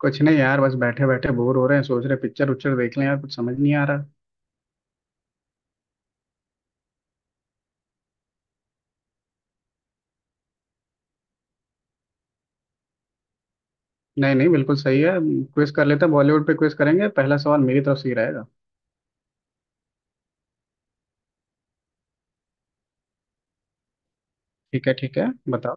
कुछ नहीं यार बस बैठे बैठे बोर हो रहे हैं। सोच रहे पिक्चर उच्चर देख लें यार, कुछ समझ नहीं आ रहा। नहीं नहीं, बिल्कुल सही है। क्विज कर लेते हैं, बॉलीवुड पे क्विज करेंगे। पहला सवाल मेरी तरफ से ही रहेगा। ठीक है ठीक है, बताओ।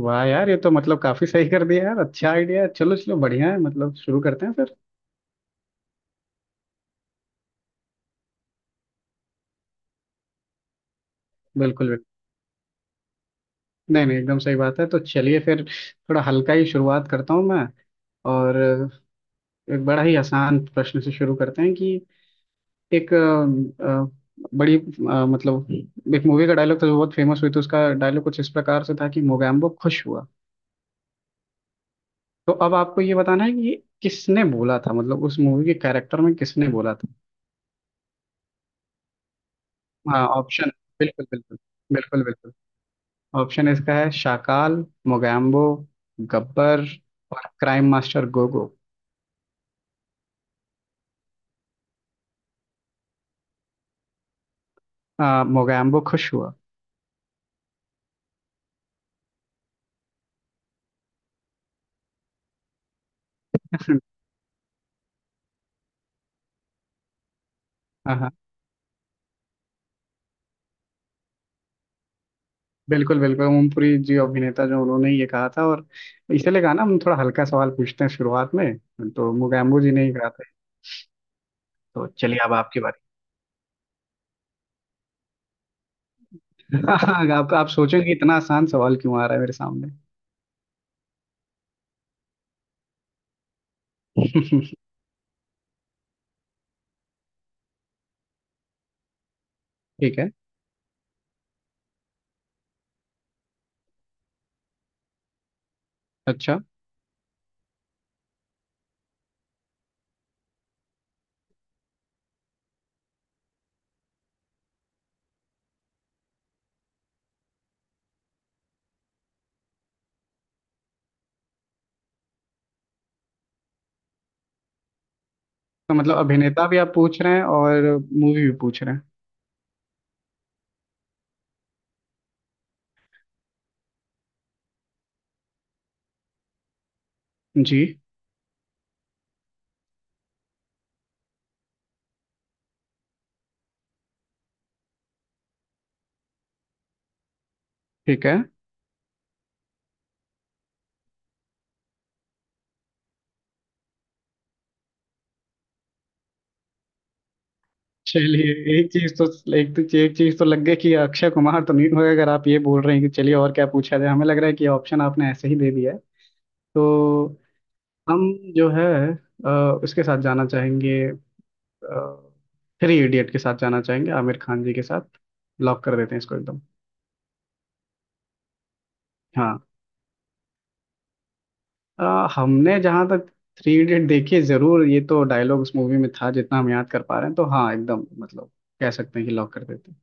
वाह यार, ये तो मतलब काफी सही कर दिया यार, अच्छा आइडिया है। चलो चलो, बढ़िया है, मतलब शुरू करते हैं फिर। बिल्कुल बिल्कुल। नहीं नहीं, एकदम सही बात है, तो चलिए फिर। थोड़ा हल्का ही शुरुआत करता हूँ मैं। और एक बड़ा ही आसान प्रश्न से शुरू करते हैं कि एक मतलब एक मूवी का डायलॉग था जो बहुत फेमस हुई थी। उसका डायलॉग कुछ इस प्रकार से था कि मोगैम्बो खुश हुआ। तो अब आपको ये बताना है कि ये किसने बोला था, मतलब उस मूवी के कैरेक्टर में किसने बोला था। हाँ, ऑप्शन। बिल्कुल बिल्कुल। बिल्कुल बिल्कुल। ऑप्शन इसका है शाकाल, मोगैम्बो, गब्बर और क्राइम मास्टर गोगो। मोगैम्बो खुश हुआ। बिल्कुल बिल्कुल, ओमपुरी जी अभिनेता जो, उन्होंने ये कहा था। और इसीलिए कहा ना, हम थोड़ा हल्का सवाल पूछते हैं शुरुआत में। तो मुगैम्बो जी ने ही कहा था। तो चलिए, अब आपकी बारी। आप सोचेंगे इतना आसान सवाल क्यों आ रहा है मेरे सामने। ठीक है। अच्छा, तो मतलब अभिनेता भी आप पूछ रहे हैं और मूवी भी पूछ रहे हैं। जी। ठीक है। चलिए, एक चीज तो एक चीज तो लग गई कि अक्षय कुमार तो नहीं होगा। अगर आप ये बोल रहे हैं कि चलिए और क्या पूछा जाए, हमें लग रहा है कि ऑप्शन आपने ऐसे ही दे दिया है। तो हम जो है अ, उसके साथ जाना चाहेंगे, थ्री इडियट के साथ जाना चाहेंगे, आमिर खान जी के साथ। लॉक कर देते हैं इसको एकदम। हाँ, हमने जहाँ तक थ्री इडियट देखिए जरूर, ये तो डायलॉग उस मूवी में था जितना हम याद कर पा रहे हैं, तो हाँ एकदम मतलब कह सकते हैं कि लॉक कर देते हैं।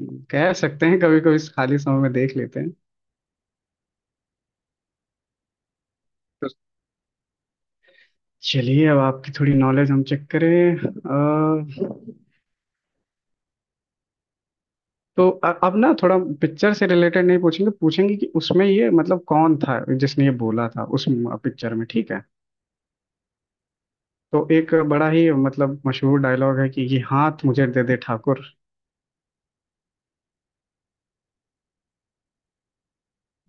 कह सकते हैं कभी कभी खाली समय में देख लेते हैं। तो चलिए, अब आपकी थोड़ी नॉलेज हम चेक करें। तो अब ना थोड़ा पिक्चर से रिलेटेड नहीं पूछेंगे, पूछेंगे कि उसमें ये मतलब कौन था जिसने ये बोला था उस पिक्चर में, ठीक है। तो एक बड़ा ही मतलब मशहूर डायलॉग है कि ये हाथ मुझे दे दे ठाकुर।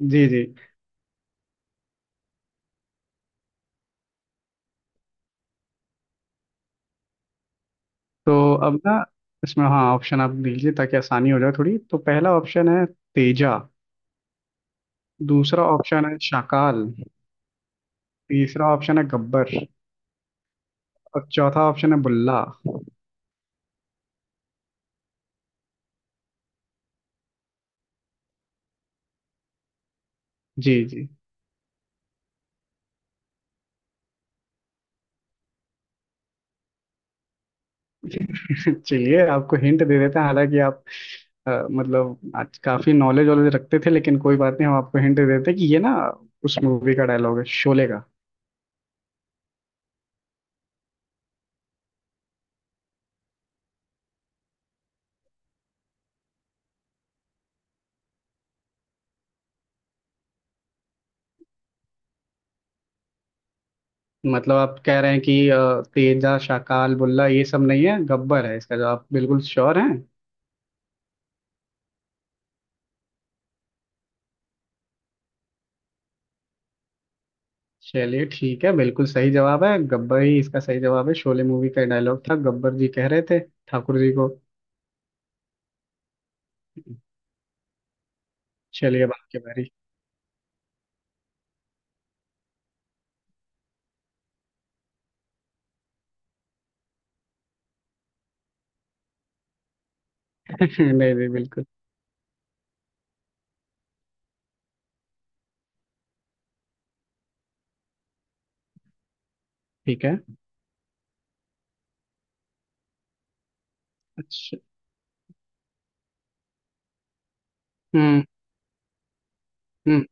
जी जी। तो अब ना, इसमें हाँ, ऑप्शन आप दीजिए ताकि आसानी हो जाए थोड़ी। तो पहला ऑप्शन है तेजा, दूसरा ऑप्शन है शाकाल, तीसरा ऑप्शन है गब्बर और चौथा ऑप्शन है बुल्ला। जी जी। चलिए, आपको हिंट दे देते हैं। हालांकि आप मतलब आज काफी नॉलेज वॉलेज रखते थे, लेकिन कोई बात नहीं, हम आपको हिंट दे देते हैं कि ये ना उस मूवी का डायलॉग है, शोले का। मतलब आप कह रहे हैं कि तेजा, शाकाल, बुल्ला ये सब नहीं है, गब्बर है, इसका जवाब बिल्कुल श्योर है। चलिए ठीक है, बिल्कुल सही जवाब है, गब्बर ही इसका सही जवाब है। शोले मूवी का डायलॉग था, गब्बर जी कह रहे थे ठाकुर जी को। चलिए, अब आपकी बारी। नहीं नहीं, बिल्कुल। ठीक है। अच्छा। हम्म हम्म।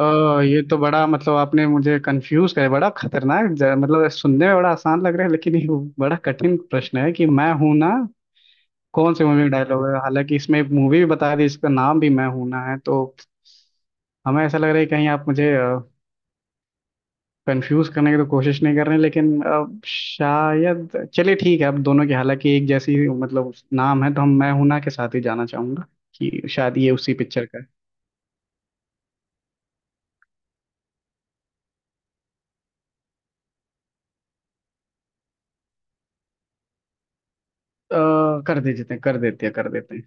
ओ, ये तो बड़ा मतलब आपने मुझे कंफ्यूज करे, बड़ा खतरनाक मतलब सुनने में बड़ा आसान लग रहा है, लेकिन ये बड़ा कठिन प्रश्न है कि मैं हूं ना कौन सी मूवी का डायलॉग है। हालांकि इसमें मूवी भी बता दी, इसका नाम भी मैं हूं ना है, तो हमें ऐसा लग रहा है कि कहीं आप मुझे कंफ्यूज करने की तो कोशिश नहीं कर रहे हैं, लेकिन अब शायद चलिए ठीक है, अब दोनों की हालांकि एक जैसी मतलब नाम है, तो हम मैं हूं ना के साथ ही जाना चाहूंगा कि शायद ये उसी पिक्चर का है। कर दीजिए, कर देते हैं।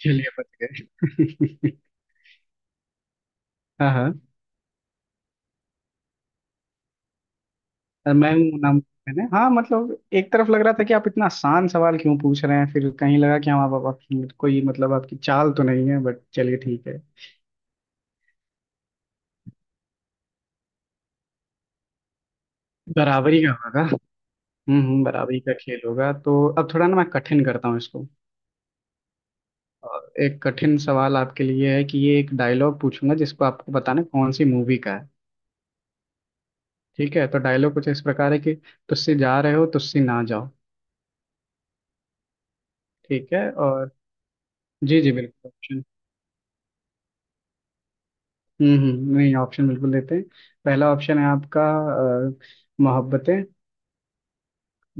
चलिए बच गए। हाँ हाँ। मैं हूँ नाम, मैंने, हाँ मतलब एक तरफ लग रहा था कि आप इतना आसान सवाल क्यों पूछ रहे हैं, फिर कहीं लगा कि हम आप, आपकी कोई मतलब आपकी चाल तो नहीं है, बट चलिए ठीक है। बराबरी का होगा। बराबरी का खेल होगा। तो अब थोड़ा ना मैं कठिन करता हूँ इसको। और एक कठिन सवाल आपके लिए है कि ये एक डायलॉग पूछूंगा जिसको आपको बताना है कौन सी मूवी का है। ठीक है, तो डायलॉग कुछ इस प्रकार है कि तुझसे जा रहे हो तुझसे ना जाओ। ठीक है। और जी जी बिल्कुल। नहीं ऑप्शन बिल्कुल देते हैं। पहला ऑप्शन है आपका अ, मोहब्बतें,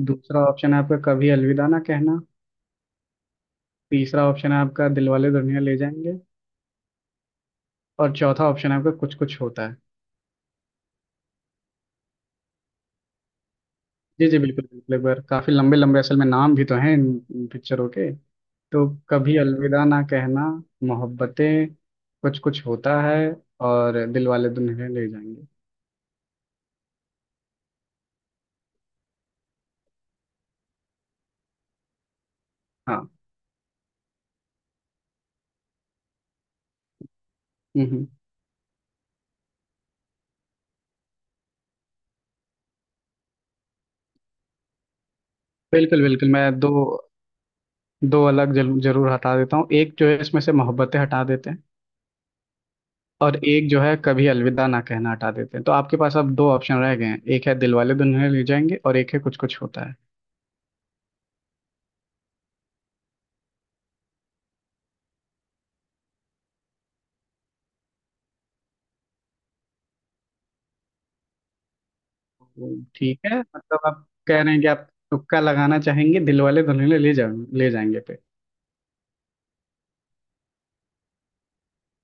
दूसरा ऑप्शन है आपका कभी अलविदा ना कहना, तीसरा ऑप्शन है आपका दिलवाले दुल्हनिया ले जाएंगे और चौथा ऑप्शन है आपका कुछ कुछ होता है। जी जी, बिल्कुल बिल्कुल। एक बार काफी लंबे लंबे असल में नाम भी तो हैं इन इन पिक्चरों के। तो कभी अलविदा ना कहना, मोहब्बतें, कुछ कुछ होता है और दिलवाले दुल्हनिया ले जाएंगे। हाँ। हम्म हम्म, बिल्कुल बिल्कुल। मैं दो दो अलग जरूर जरूर हटा देता हूँ। एक जो है इसमें से मोहब्बतें हटा देते हैं और एक जो है कभी अलविदा ना कहना हटा देते हैं। तो आपके पास अब दो ऑप्शन रह गए हैं, एक है दिलवाले दुल्हनिया ले जाएंगे और एक है कुछ कुछ होता है। तो ठीक है, मतलब आप कह रहे हैं कि आप तुक्का लगाना चाहेंगे दिलवाले दुल्हनिया ले जाएंगे पे।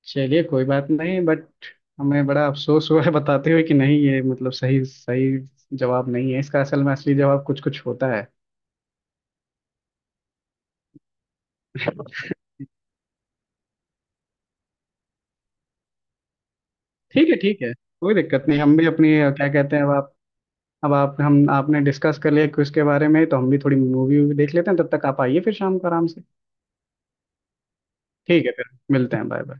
चलिए, कोई बात नहीं, बट हमें बड़ा अफसोस हुआ है बताते हुए कि नहीं, ये मतलब सही सही जवाब नहीं है इसका। असल में असली जवाब कुछ कुछ होता है। ठीक है ठीक है, कोई दिक्कत नहीं, हम भी अपनी क्या कहते हैं, अब आप, हम आपने डिस्कस कर लिया क्विज के बारे में, तो हम भी थोड़ी मूवी वूवी देख लेते हैं तब तक। आप आइए फिर शाम को आराम से। ठीक है फिर, मिलते हैं, बाय बाय।